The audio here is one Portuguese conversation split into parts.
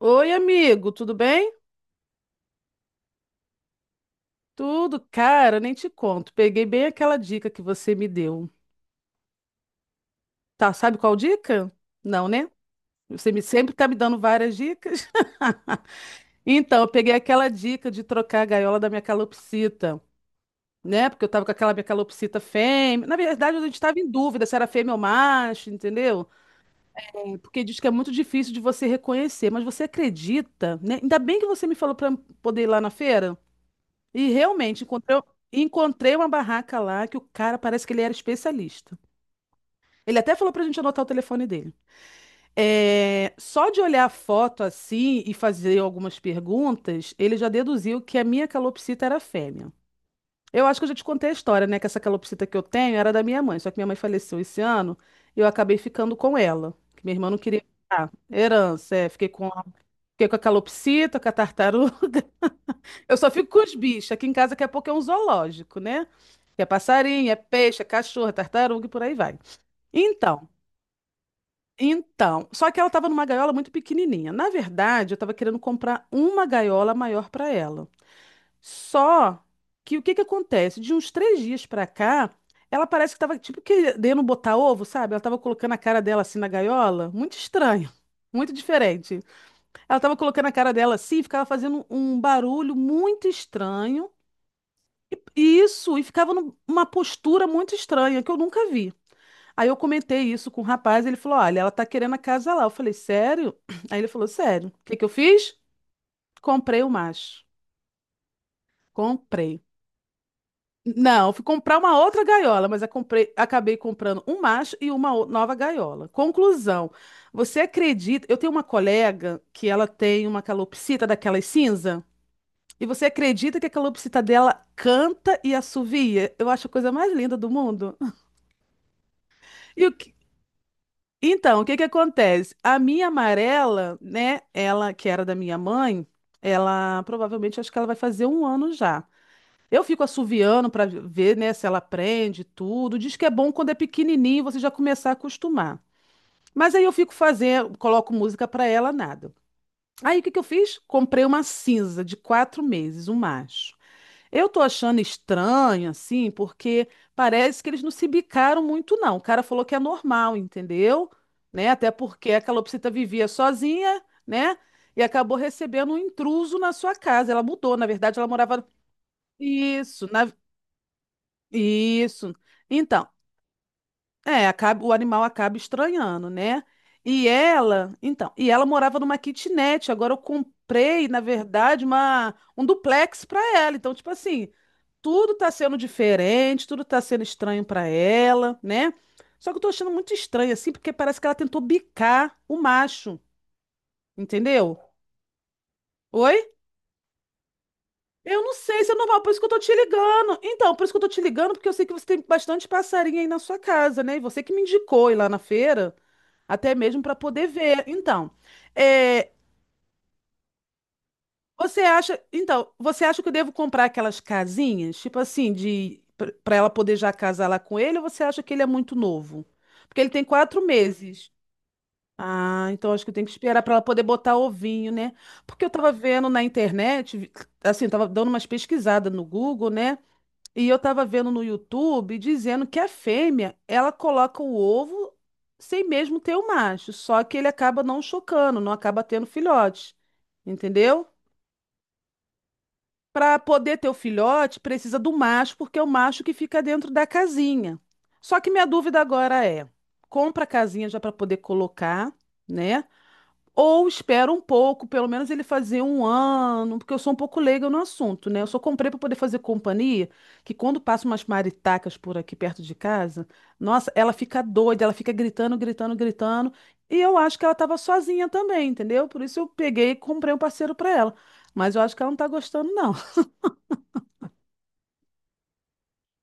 Oi, amigo, tudo bem? Tudo, cara, nem te conto. Peguei bem aquela dica que você me deu. Tá, sabe qual dica? Não, né? Sempre tá me dando várias dicas. Então, eu peguei aquela dica de trocar a gaiola da minha calopsita, né? Porque eu tava com aquela minha calopsita fêmea. Na verdade, a gente tava em dúvida se era fêmea ou macho, entendeu? Porque diz que é muito difícil de você reconhecer. Mas você acredita, né? Ainda bem que você me falou pra poder ir lá na feira. E realmente, encontrei uma barraca lá que o cara parece que ele era especialista. Ele até falou pra gente anotar o telefone dele. É, só de olhar a foto assim e fazer algumas perguntas, ele já deduziu que a minha calopsita era fêmea. Eu acho que eu já te contei a história, né? Que essa calopsita que eu tenho era da minha mãe, só que minha mãe faleceu esse ano e eu acabei ficando com ela. Que minha irmã não queria. Ah, herança, é. Fiquei com a calopsita, com a tartaruga. Eu só fico com os bichos. Aqui em casa, daqui a pouco é um zoológico, né? Que é passarinho, é peixe, é cachorro, é tartaruga e por aí vai. Então, então. Só que ela estava numa gaiola muito pequenininha. Na verdade, eu estava querendo comprar uma gaiola maior para ela. Só que o que que acontece? De uns 3 dias para cá, ela parece que estava tipo querendo botar ovo, sabe? Ela estava colocando a cara dela assim na gaiola. Muito estranho. Muito diferente. Ela estava colocando a cara dela assim, e ficava fazendo um barulho muito estranho. Isso, e ficava numa postura muito estranha, que eu nunca vi. Aí eu comentei isso com o rapaz, ele falou: olha, ela tá querendo a casa lá. Eu falei: sério? Aí ele falou: sério. O que que eu fiz? Comprei o macho. Comprei. Não, fui comprar uma outra gaiola, mas eu comprei, acabei comprando um macho e uma nova gaiola. Conclusão: você acredita? Eu tenho uma colega que ela tem uma calopsita daquelas cinza. E você acredita que a calopsita dela canta e assovia? Eu acho a coisa mais linda do mundo. E o Então, o que que acontece? A minha amarela, né? Ela, que era da minha mãe, ela provavelmente acho que ela vai fazer um ano já. Eu fico assoviando para ver, né, se ela aprende tudo. Diz que é bom quando é pequenininho você já começar a acostumar. Mas aí eu fico fazendo, coloco música para ela, nada. Aí o que que eu fiz? Comprei uma cinza de 4 meses, um macho. Eu tô achando estranho, assim, porque parece que eles não se bicaram muito, não. O cara falou que é normal, entendeu? Né? Até porque a calopsita vivia sozinha, né? E acabou recebendo um intruso na sua casa. Ela mudou, na verdade, ela morava. Isso, isso. Então, é, o animal acaba estranhando, né? E ela, então, e ela morava numa kitnet. Agora eu comprei, na verdade, uma... um duplex para ela. Então, tipo assim, tudo tá sendo diferente, tudo tá sendo estranho pra ela, né? Só que eu tô achando muito estranho, assim, porque parece que ela tentou bicar o macho, entendeu? Oi? Eu não sei se é normal, por isso que eu tô te ligando. Então, por isso que eu tô te ligando, porque eu sei que você tem bastante passarinho aí na sua casa, né? E você que me indicou ir lá na feira, até mesmo pra poder ver. Então, é. Você acha, então, você acha que eu devo comprar aquelas casinhas, tipo assim, de para ela poder já casar lá com ele, ou você acha que ele é muito novo? Porque ele tem 4 meses. Ah, então acho que eu tenho que esperar para ela poder botar ovinho, né? Porque eu tava vendo na internet, assim, eu tava dando umas pesquisadas no Google, né? E eu tava vendo no YouTube dizendo que a fêmea, ela coloca o ovo sem mesmo ter o macho, só que ele acaba não chocando, não acaba tendo filhotes. Entendeu? Para poder ter o filhote, precisa do macho, porque é o macho que fica dentro da casinha. Só que minha dúvida agora é: compra a casinha já para poder colocar, né? Ou espera um pouco, pelo menos ele fazer um ano, porque eu sou um pouco leiga no assunto, né? Eu só comprei para poder fazer companhia, que quando passa umas maritacas por aqui perto de casa, nossa, ela fica doida, ela fica gritando, gritando, gritando. E eu acho que ela estava sozinha também, entendeu? Por isso eu peguei e comprei um parceiro para ela. Mas eu acho que ela não tá gostando, não.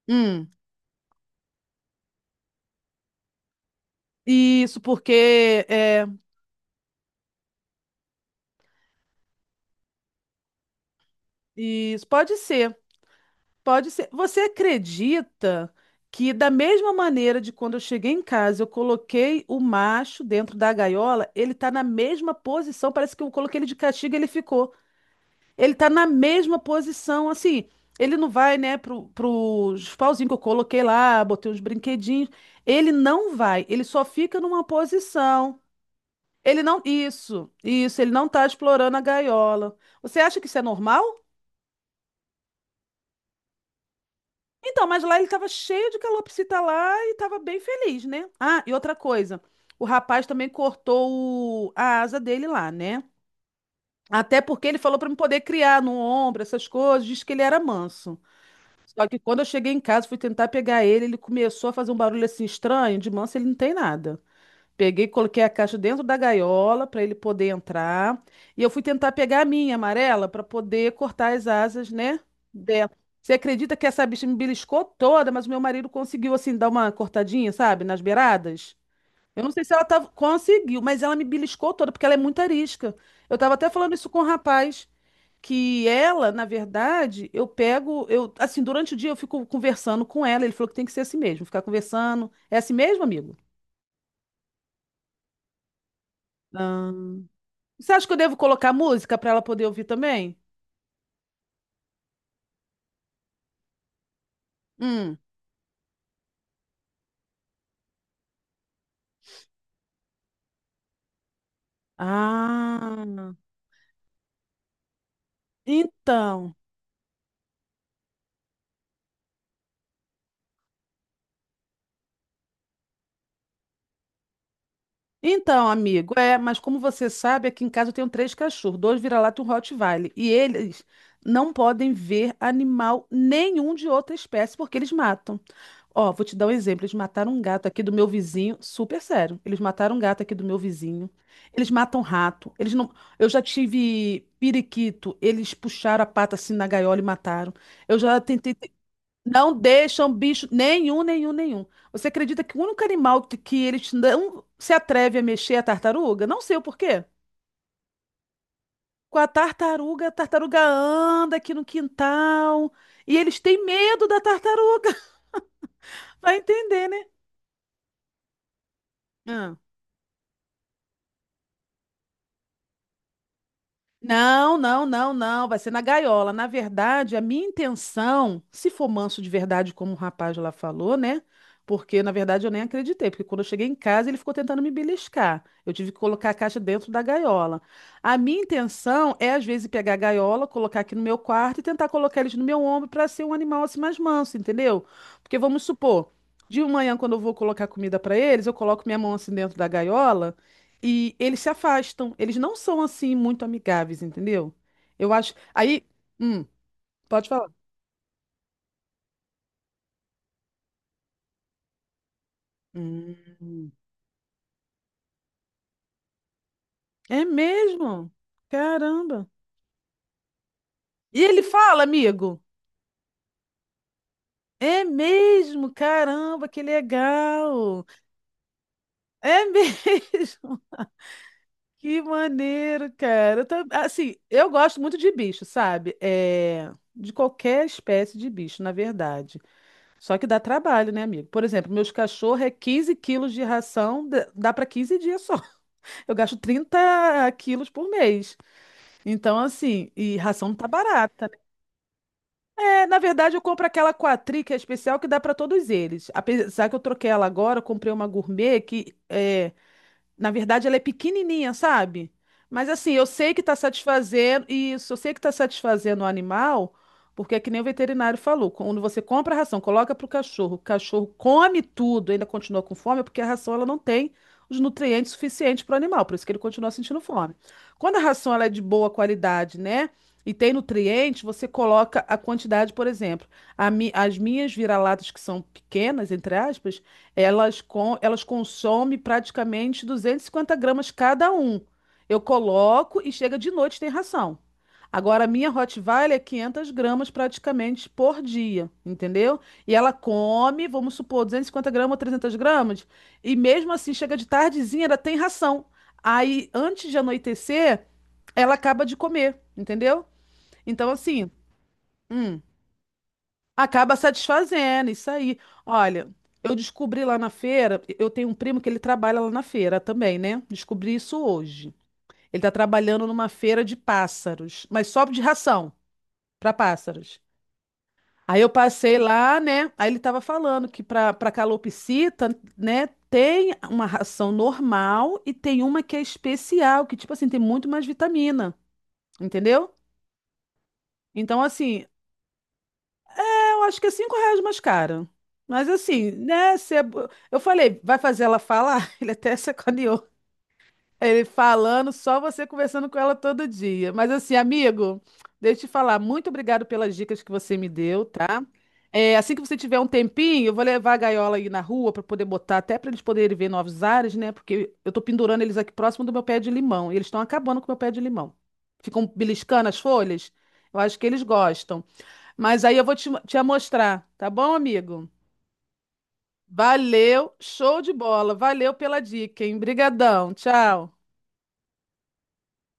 Hum, isso porque é, isso pode ser, pode ser. Você acredita que da mesma maneira de quando eu cheguei em casa, eu coloquei o macho dentro da gaiola, ele tá na mesma posição, parece que eu coloquei ele de castigo e ele ficou. Ele tá na mesma posição, assim, ele não vai, né, pro, pros pauzinhos que eu coloquei lá, botei uns brinquedinhos, ele não vai, ele só fica numa posição. Ele não. Isso, ele não tá explorando a gaiola. Você acha que isso é normal? Então, mas lá ele tava cheio de calopsita lá e tava bem feliz, né? Ah, e outra coisa, o rapaz também cortou a asa dele lá, né? Até porque ele falou pra me poder criar no ombro, essas coisas, disse que ele era manso. Só que quando eu cheguei em casa, fui tentar pegar ele, ele começou a fazer um barulho assim estranho, de manso ele não tem nada. Peguei, coloquei a caixa dentro da gaiola para ele poder entrar. E eu fui tentar pegar a minha amarela para poder cortar as asas, né? Dela. Você acredita que essa bicha me beliscou toda, mas o meu marido conseguiu, assim, dar uma cortadinha, sabe? Nas beiradas. Eu não sei se ela tava... conseguiu, mas ela me beliscou toda, porque ela é muito arisca. Eu tava até falando isso com o rapaz, que ela, na verdade, eu pego, eu, assim, durante o dia eu fico conversando com ela. Ele falou que tem que ser assim mesmo, ficar conversando. É assim mesmo, amigo? Você acha que eu devo colocar música para ela poder ouvir também? Hum, Ah, então. Então, amigo, é, mas como você sabe, aqui em casa eu tenho três cachorros, dois vira-lata e um Rottweiler, e eles não podem ver animal nenhum de outra espécie porque eles matam. Ó, vou te dar um exemplo, eles mataram um gato aqui do meu vizinho, super sério. Eles mataram um gato aqui do meu vizinho. Eles matam rato. Eles não, eu já tive periquito, eles puxaram a pata assim na gaiola e mataram. Eu já tentei. Não deixam bicho nenhum, nenhum, nenhum. Você acredita que o único animal que eles não se atreve a mexer é a tartaruga? Não sei o porquê. Com a tartaruga anda aqui no quintal e eles têm medo da tartaruga. Vai entender, né? Ah. Não, não, não, não. Vai ser na gaiola. Na verdade, a minha intenção, se for manso de verdade, como o rapaz lá falou, né? Porque, na verdade, eu nem acreditei, porque quando eu cheguei em casa, ele ficou tentando me beliscar. Eu tive que colocar a caixa dentro da gaiola. A minha intenção é, às vezes, pegar a gaiola, colocar aqui no meu quarto e tentar colocar eles no meu ombro para ser um animal assim mais manso, entendeu? Porque vamos supor, de manhã, quando eu vou colocar comida para eles, eu coloco minha mão assim dentro da gaiola. E eles se afastam. Eles não são assim muito amigáveis, entendeu? Eu acho. Aí, hum, pode falar. Hum, é mesmo? Caramba. E ele fala, amigo. É mesmo? Caramba, que legal. É mesmo. Que maneiro, cara. Assim, eu gosto muito de bicho, sabe? É, de qualquer espécie de bicho, na verdade. Só que dá trabalho, né, amigo? Por exemplo, meus cachorros é 15 quilos de ração, dá para 15 dias só. Eu gasto 30 quilos por mês. Então, assim, e ração não tá barata. Né? É, na verdade, eu compro aquela Quatri, que é especial, que dá para todos eles. Apesar que eu troquei ela agora, eu comprei uma gourmet que é, na verdade, ela é pequenininha, sabe? Mas assim, eu sei que está satisfazendo, isso, eu sei que está satisfazendo o animal, porque é que nem o veterinário falou, quando você compra a ração, coloca para o cachorro come tudo, ainda continua com fome, é porque a ração ela não tem os nutrientes suficientes para o animal, por isso que ele continua sentindo fome. Quando a ração ela é de boa qualidade, né? E tem nutriente, você coloca a quantidade, por exemplo, as minhas vira-latas que são pequenas, entre aspas, elas, com, elas consomem praticamente 250 gramas cada um. Eu coloco e chega de noite tem ração. Agora, a minha Rottweiler é 500 gramas praticamente por dia, entendeu? E ela come, vamos supor, 250 gramas ou 300 gramas, e mesmo assim chega de tardezinha, ela tem ração. Aí, antes de anoitecer, ela acaba de comer, entendeu? Então, assim, hum, acaba satisfazendo, isso aí. Olha, eu descobri lá na feira, eu tenho um primo que ele trabalha lá na feira também, né? Descobri isso hoje. Ele tá trabalhando numa feira de pássaros, mas só de ração para pássaros. Aí eu passei lá, né? Aí ele tava falando que para calopsita, né, tem uma ração normal e tem uma que é especial, que tipo assim, tem muito mais vitamina, entendeu? Então assim, eu acho que é R$ 5 mais caro. Mas assim, né? se é bo- Eu falei, vai fazer ela falar? Ele até sacaneou. Ele falando, só você conversando com ela todo dia. Mas assim, amigo, deixa eu te falar, muito obrigado pelas dicas que você me deu, tá? É, assim que você tiver um tempinho, eu vou levar a gaiola aí na rua para poder botar, até para eles poderem ver novos ares, né? Porque eu tô pendurando eles aqui próximo do meu pé de limão. E eles estão acabando com o meu pé de limão. Ficam beliscando as folhas. Eu acho que eles gostam. Mas aí eu vou te mostrar, tá bom, amigo? Valeu, show de bola. Valeu pela dica, hein? Brigadão, tchau.